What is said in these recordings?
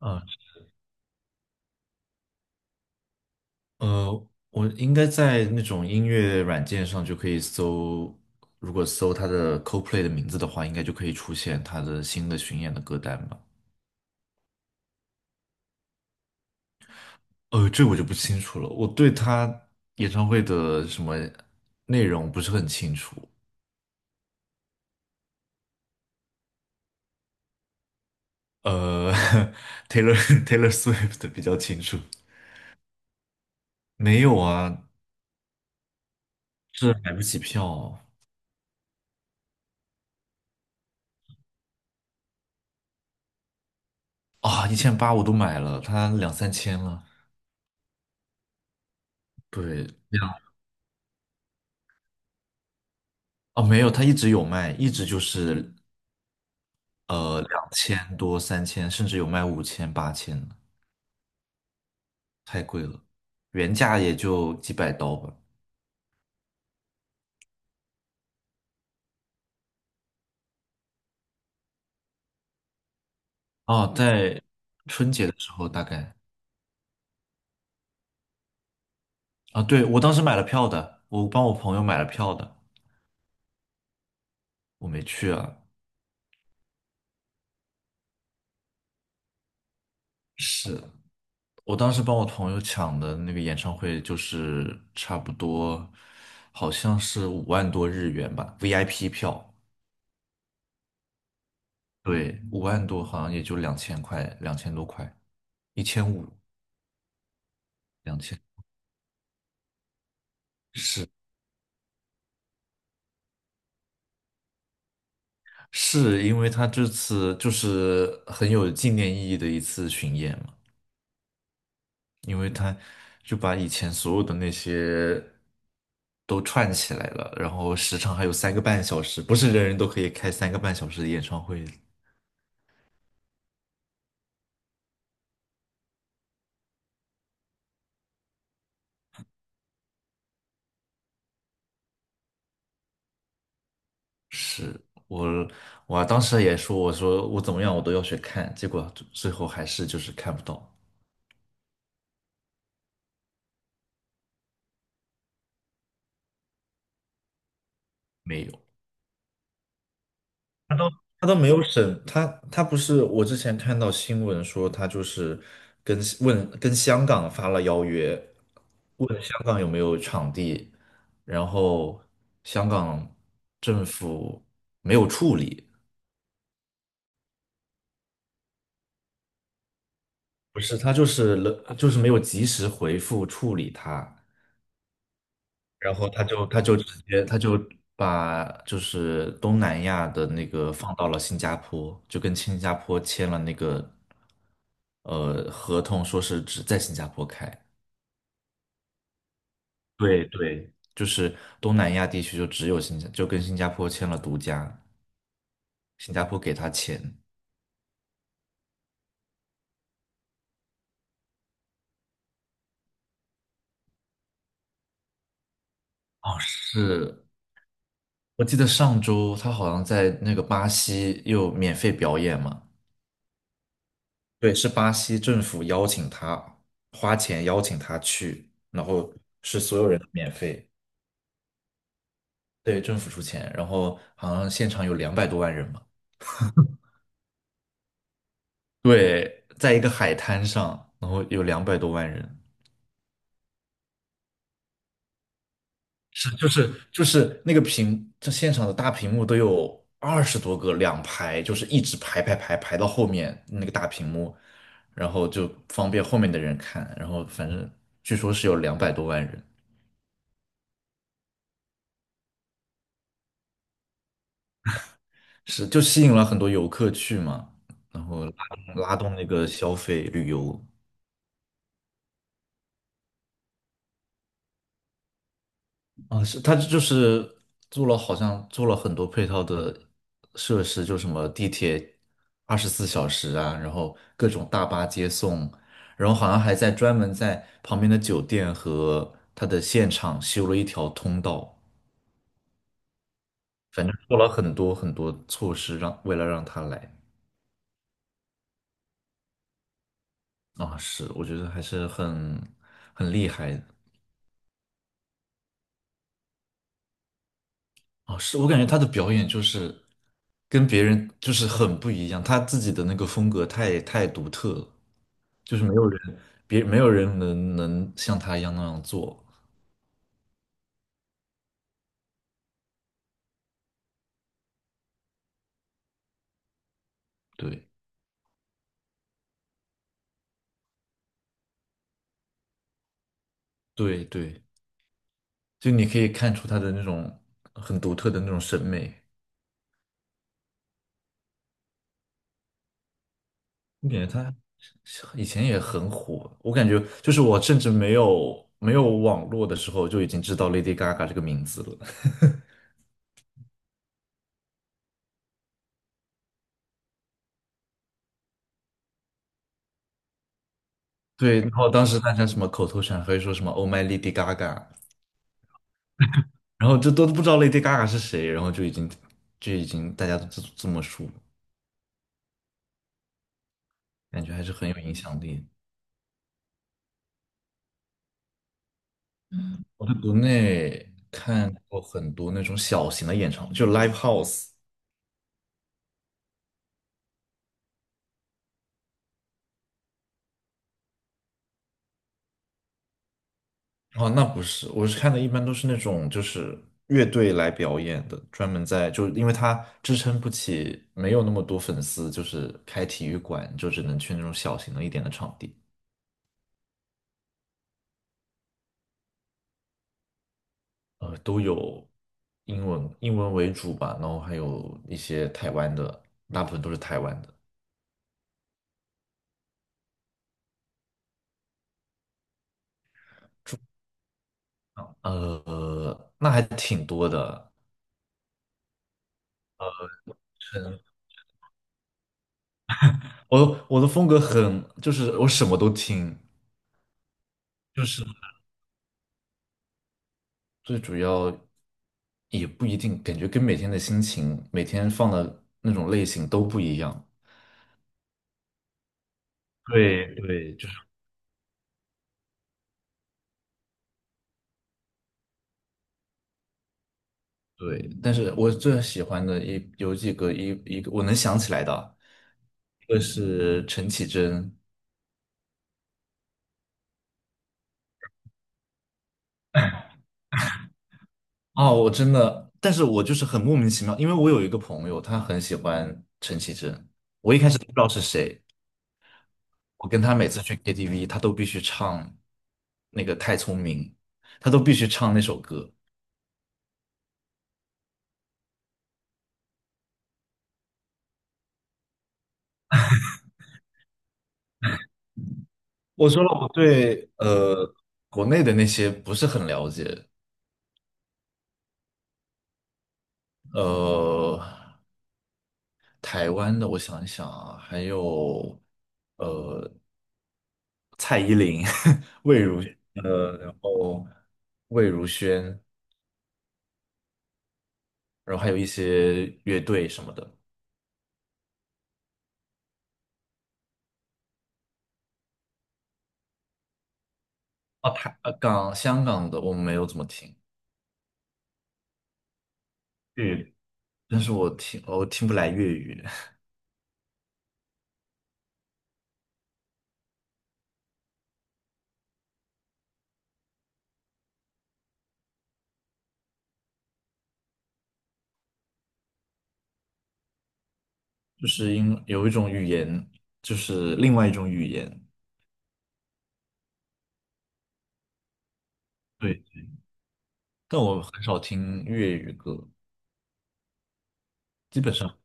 啊，呃，我应该在那种音乐软件上就可以搜，如果搜他的 c o l p l a y 的名字的话，应该就可以出现他的新的巡演的歌单吧。这我就不清楚了，我对他演唱会的什么内容不是很清楚。呃 ，Taylor Taylor Swift 比较清楚。没有啊，这买不起票啊，1800我都买了，他两三千了。对，哦，没有，他一直有卖，一直就是两千多、三千，甚至有卖5000、8000的，太贵了，原价也就几百刀吧。哦，在春节的时候大概。啊，对，我当时买了票的，我帮我朋友买了票的，我没去啊。是我当时帮我朋友抢的那个演唱会，就是差不多好像是5万多日元吧，VIP 票，对，五万多好像也就2000块，2000多块，1500，两千。是。是因为他这次就是很有纪念意义的一次巡演嘛，因为他就把以前所有的那些都串起来了，然后时长还有三个半小时，不是人人都可以开三个半小时的演唱会。是我，我当时也说，我说我怎么样我都要去看，结果最后还是就是看不到，没有。他都他都没有审，他不是我之前看到新闻说他就是跟香港发了邀约，问香港有没有场地，然后香港政府没有处理，不是他就是了就是没有及时回复处理他，然后他就直接把就是东南亚的那个放到了新加坡，就跟新加坡签了那个合同，说是只在新加坡开。对对，就是东南亚地区就只有新加，就跟新加坡签了独家，新加坡给他钱。是我记得上周他好像在那个巴西又免费表演嘛，对，是巴西政府邀请他，花钱邀请他去，然后是所有人都免费，对，政府出钱，然后好像现场有两百多万人嘛，对，在一个海滩上，然后有两百多万人，就是那个屏，这现场的大屏幕都有20多个，两排，就是一直排到后面那个大屏幕，然后就方便后面的人看，然后反正据说是有两百多万人。是就吸引了很多游客去嘛，然后拉动那个消费旅游啊，是他就是做了好像做了很多配套的设施，就什么地铁24小时啊，然后各种大巴接送，然后好像还在专门在旁边的酒店和他的现场修了一条通道，反正做了很多很多措施为了让他来啊，是我觉得还是很厉害的。哦，是我感觉他的表演就是跟别人就是很不一样，他自己的那个风格太独特了，就是没有人能像他一样那样做。对，对对，就你可以看出他的那种很独特的那种审美。我感觉他以前也很火，我感觉就是我甚至没有网络的时候就已经知道 Lady Gaga 这个名字了。对，然后当时大家什么口头禅可以说什么 "Oh my Lady Gaga"，然后这都不知道 Lady Gaga 是谁，然后就已经大家都这么说，感觉还是很有影响力。我在国内看过很多那种小型的演唱会，就 live house。哦，那不是，我是看的一般都是那种就是乐队来表演的，专门在就因为他支撑不起，没有那么多粉丝，就是开体育馆就只能去那种小型的一点的场地。都有英文为主吧，然后还有一些台湾的，大部分都是台湾的。那还挺多的。是的，我的风格很，就是我什么都听，就是最主要也不一定，感觉跟每天的心情、每天放的那种类型都不一样。对对，就是对。但是我最喜欢的有几个一个我能想起来的，一个是陈绮贞。哦，我真的，但是我就是很莫名其妙，因为我有一个朋友，他很喜欢陈绮贞，我一开始都不知道是谁，我跟他每次去 KTV，他都必须唱那个《太聪明》，他都必须唱那首歌。我说了，我对国内的那些不是很了解。呃，台湾的我想一想啊，还有呃蔡依林、魏如然后魏如萱，然后还有一些乐队什么的。啊，香港的我没有怎么听粤语，但是我听不来粤语。就是因有一种语言，就是另外一种语言。对，但我很少听粤语歌，基本上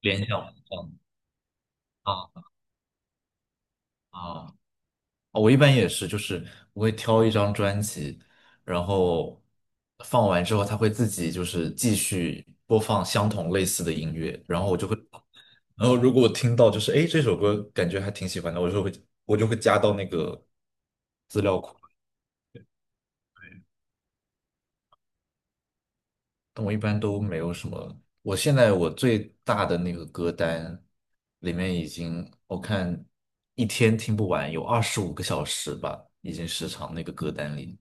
联想不上。啊！啊啊我一般也是，就是我会挑一张专辑，然后放完之后，它会自己就是继续播放相同类似的音乐，然后我就会，然后如果我听到就是哎这首歌感觉还挺喜欢的，我就会加到那个。资料库。但我一般都没有什么。我现在我最大的那个歌单里面已经，我看一天听不完，有25个小时吧，已经时长那个歌单里。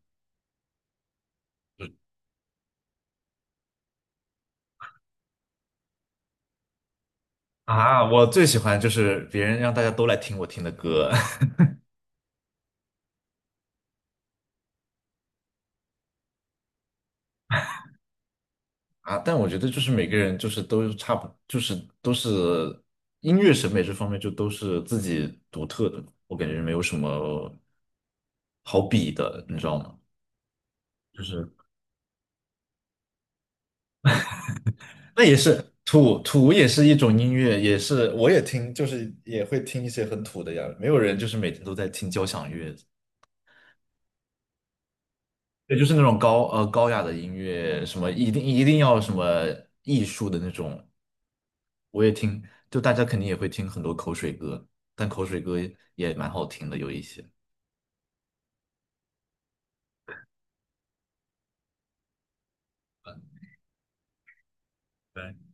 啊，我最喜欢就是别人让大家都来听我听的歌 啊，但我觉得就是每个人就是都差不，就是都是音乐审美这方面就都是自己独特的，我感觉没有什么好比的，你知道吗？就是。那也是土也是一种音乐，也是我也听，就是也会听一些很土的呀。没有人就是每天都在听交响乐，对，就是那种高雅的音乐，什么一定一定要什么艺术的那种，我也听。就大家肯定也会听很多口水歌，但口水歌也蛮好听的，有一些。对